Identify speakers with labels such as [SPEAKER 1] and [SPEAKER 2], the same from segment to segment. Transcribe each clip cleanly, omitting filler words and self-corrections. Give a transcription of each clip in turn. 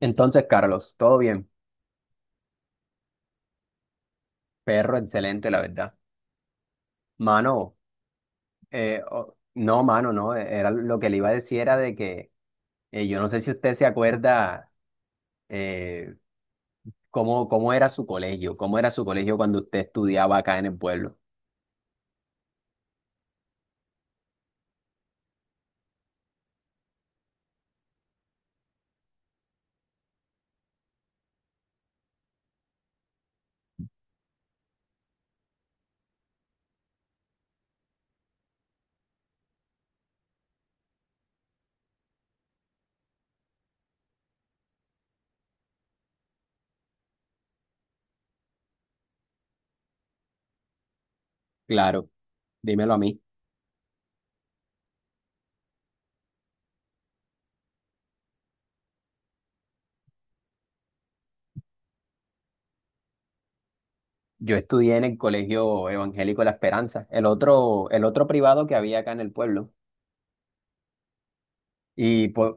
[SPEAKER 1] Entonces, Carlos, todo bien. Perro, excelente, la verdad. Mano, mano, no. Era lo que le iba a decir era de que yo no sé si usted se acuerda eh, cómo era su colegio, cómo era su colegio cuando usted estudiaba acá en el pueblo. Claro, dímelo a mí. Yo estudié en el Colegio Evangélico La Esperanza, el otro privado que había acá en el pueblo. Y pues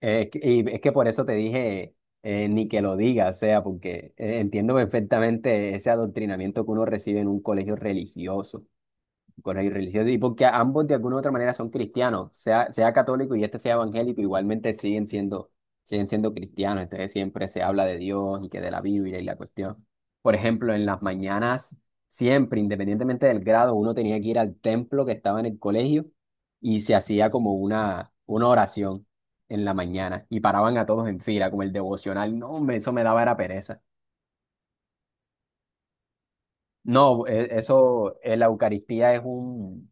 [SPEAKER 1] es que, y es que por eso te dije, ni que lo diga, o sea, porque entiendo perfectamente ese adoctrinamiento que uno recibe en un colegio religioso con el religioso, y porque ambos de alguna u otra manera son cristianos, sea, sea católico y este sea evangélico, igualmente siguen siendo cristianos, entonces siempre se habla de Dios y que de la Biblia y la cuestión. Por ejemplo, en las mañanas, siempre, independientemente del grado, uno tenía que ir al templo que estaba en el colegio y se hacía como una oración en la mañana, y paraban a todos en fila, como el devocional. No, hombre, eso me daba era pereza. No, eso, la Eucaristía es un,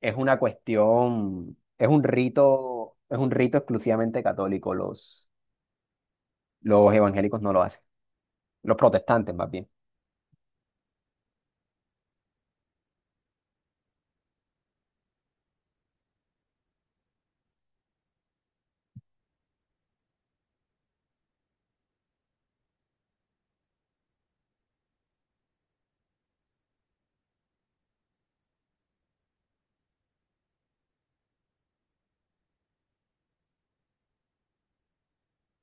[SPEAKER 1] es una cuestión, es un rito exclusivamente católico. Los evangélicos no lo hacen, los protestantes más bien.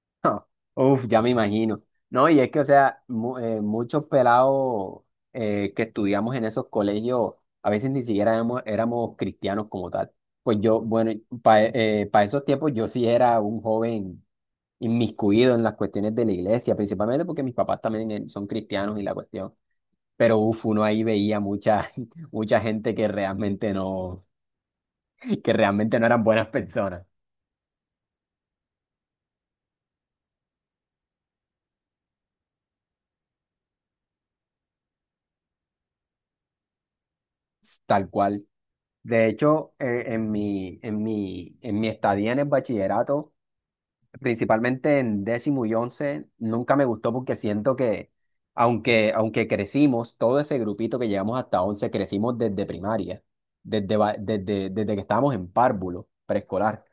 [SPEAKER 1] No, uf, ya me imagino. No, y es que, o sea, muchos pelados que estudiamos en esos colegios, a veces ni siquiera éramos, éramos cristianos como tal. Pues yo, bueno, para esos tiempos yo sí era un joven inmiscuido en las cuestiones de la iglesia, principalmente porque mis papás también son cristianos y la cuestión. Pero uf, uno ahí veía mucha, mucha gente que realmente no eran buenas personas, tal cual. De hecho, en mi estadía en el bachillerato, principalmente en décimo y once, nunca me gustó porque siento que, aunque crecimos, todo ese grupito que llegamos hasta once, crecimos desde primaria, desde que estábamos en párvulo, preescolar.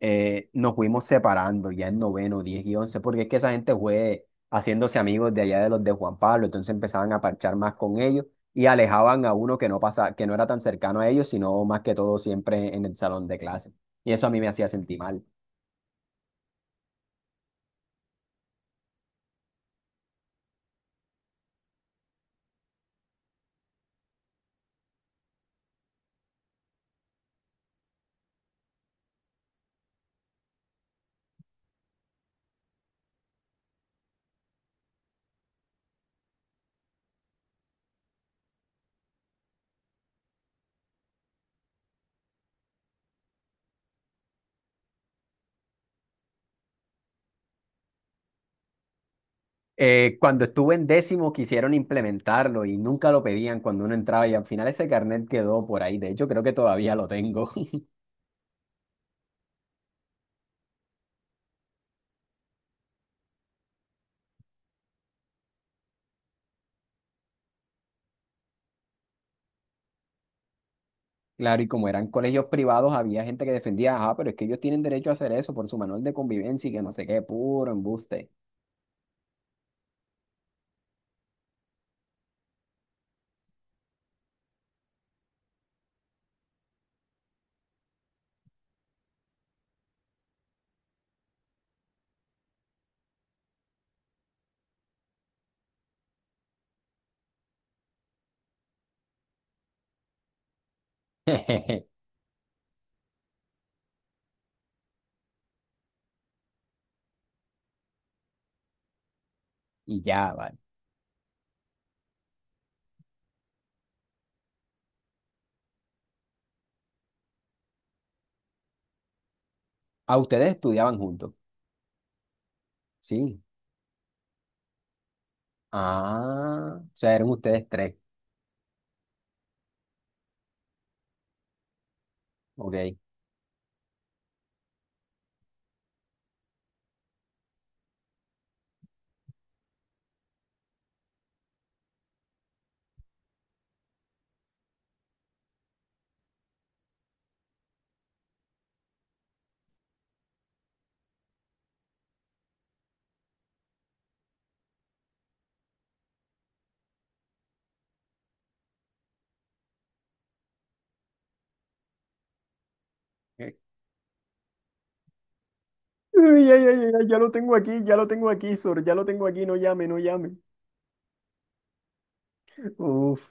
[SPEAKER 1] Nos fuimos separando ya en noveno, diez y once, porque es que esa gente fue haciéndose amigos de allá de los de Juan Pablo, entonces empezaban a parchar más con ellos y alejaban a uno que no pasa, que no era tan cercano a ellos, sino más que todo siempre en el salón de clase. Y eso a mí me hacía sentir mal. Cuando estuve en décimo quisieron implementarlo y nunca lo pedían cuando uno entraba, y al final ese carnet quedó por ahí. De hecho, creo que todavía lo tengo. Claro, y como eran colegios privados, había gente que defendía, ah, pero es que ellos tienen derecho a hacer eso por su manual de convivencia y que no sé qué, puro embuste. Y ya, vale. Ah, ustedes estudiaban juntos. Sí. Ah, o sea, eran ustedes tres. Ok. Uy, ay, ay, ay, ay, ya lo tengo aquí, ya lo tengo aquí, Sor, ya lo tengo aquí, no llame, no llame. Uf.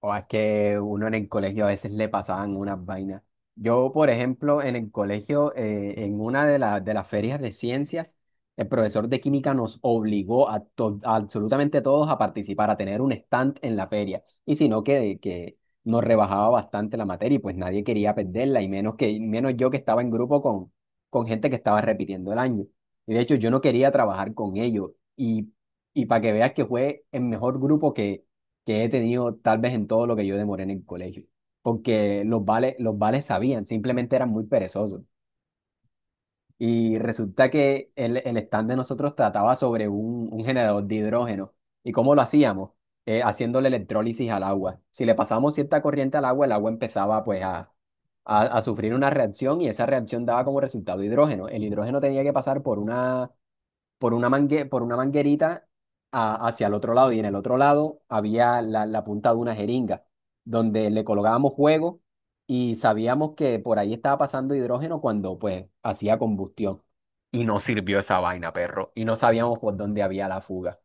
[SPEAKER 1] O es que uno en el colegio a veces le pasaban unas vainas. Yo, por ejemplo, en el colegio, en una de, de las ferias de ciencias, el profesor de química nos obligó a, a absolutamente todos a participar, a tener un stand en la feria. Y si no, que nos rebajaba bastante la materia, y pues nadie quería perderla, y menos, menos yo que estaba en grupo con gente que estaba repitiendo el año. Y de hecho, yo no quería trabajar con ellos. Y, y para que veas que fue el mejor grupo que he tenido tal vez en todo lo que yo demoré en el colegio, porque los vales sabían, simplemente eran muy perezosos. Y resulta que el stand de nosotros trataba sobre un generador de hidrógeno. ¿Y cómo lo hacíamos? Haciéndole electrólisis al agua. Si le pasábamos cierta corriente al agua, el agua empezaba pues a sufrir una reacción, y esa reacción daba como resultado hidrógeno. El hidrógeno tenía que pasar por una, por una manguerita hacia el otro lado, y en el otro lado había la, la punta de una jeringa donde le colocábamos fuego, y sabíamos que por ahí estaba pasando hidrógeno cuando pues hacía combustión. Y no sirvió esa vaina, perro. Y no sabíamos por dónde había la fuga.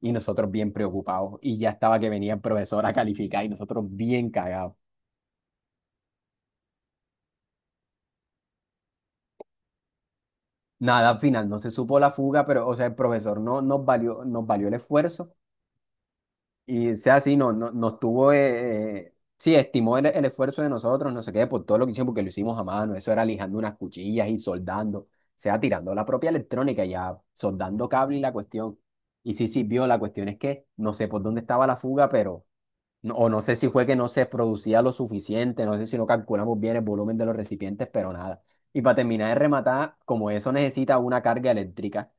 [SPEAKER 1] Y nosotros bien preocupados. Y ya estaba que venía el profesor a calificar y nosotros bien cagados. Nada, al final no se supo la fuga, pero o sea, el profesor no nos valió, nos valió el esfuerzo, y sea así, no, no, nos tuvo, sí, estimó el esfuerzo de nosotros, no sé qué, por todo lo que hicimos, porque lo hicimos a mano, eso era lijando unas cuchillas y soldando, o sea, tirando la propia electrónica, ya soldando cable y la cuestión. Y sí sirvió, la cuestión es que no sé por dónde estaba la fuga, pero, o no sé si fue que no se producía lo suficiente, no sé si no calculamos bien el volumen de los recipientes, pero nada. Y para terminar de rematar, como eso necesita una carga eléctrica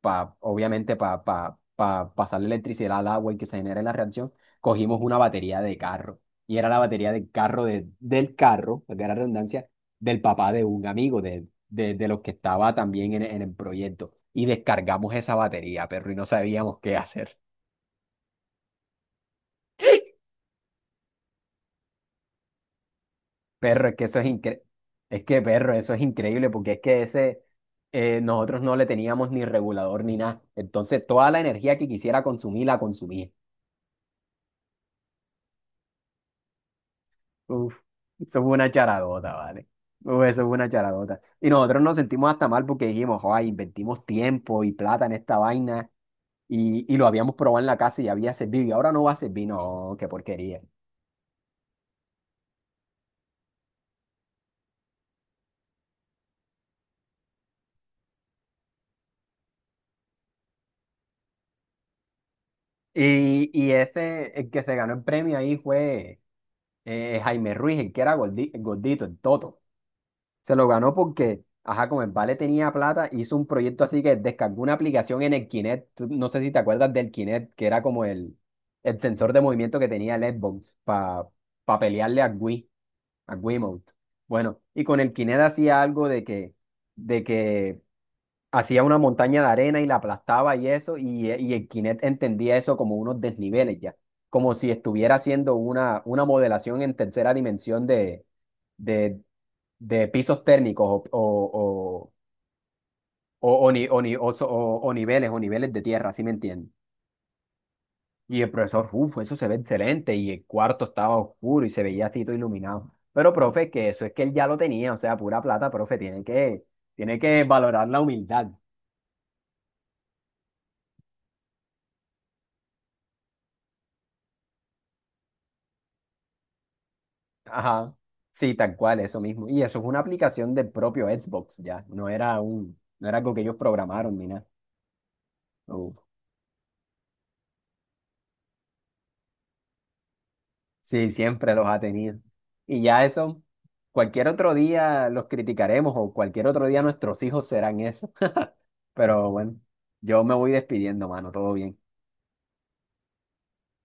[SPEAKER 1] pa, obviamente para pa, pa pa pasar la electricidad al agua y que se genere la reacción, cogimos una batería de carro. Y era la batería del carro, del carro, que era redundancia, del papá de un amigo, de los que estaba también en el proyecto. Y descargamos esa batería, perro, y no sabíamos qué hacer. Perro, es que eso es increíble. Es que, perro, eso es increíble porque es que ese, nosotros no le teníamos ni regulador ni nada. Entonces, toda la energía que quisiera consumir, la consumía. Uf, eso fue una charadota, ¿vale? Uf, eso fue una charadota. Y nosotros nos sentimos hasta mal porque dijimos, ay, invertimos tiempo y plata en esta vaina, y lo habíamos probado en la casa y había servido y ahora no va a servir, no, qué porquería. Y este, el que se ganó el premio ahí fue Jaime Ruiz, el que era gordito, el Toto. Se lo ganó porque, ajá, como el Vale tenía plata, hizo un proyecto así que descargó una aplicación en el Kinect. No sé si te acuerdas del Kinect, que era como el sensor de movimiento que tenía el Xbox para pelearle a Wii, a Wiimote. Bueno, y con el Kinect hacía algo de que hacía una montaña de arena y la aplastaba y eso, y el Kinect entendía eso como unos desniveles ya, como si estuviera haciendo una modelación en tercera dimensión de, de pisos térmicos o ni- o ni- o so- o niveles de tierra, ¿sí me entiendes? Y el profesor, uff, eso se ve excelente, y el cuarto estaba oscuro y se veía así todo iluminado. Pero, profe, que eso es que él ya lo tenía, o sea, pura plata, profe, tiene que valorar la humildad. Ajá, sí, tal cual, eso mismo. Y eso es una aplicación del propio Xbox ya, no era un, no era algo que ellos programaron ni nada. Uh, sí, siempre los ha tenido. Y ya eso, cualquier otro día los criticaremos o cualquier otro día nuestros hijos serán eso. Pero bueno, yo me voy despidiendo, mano, todo bien.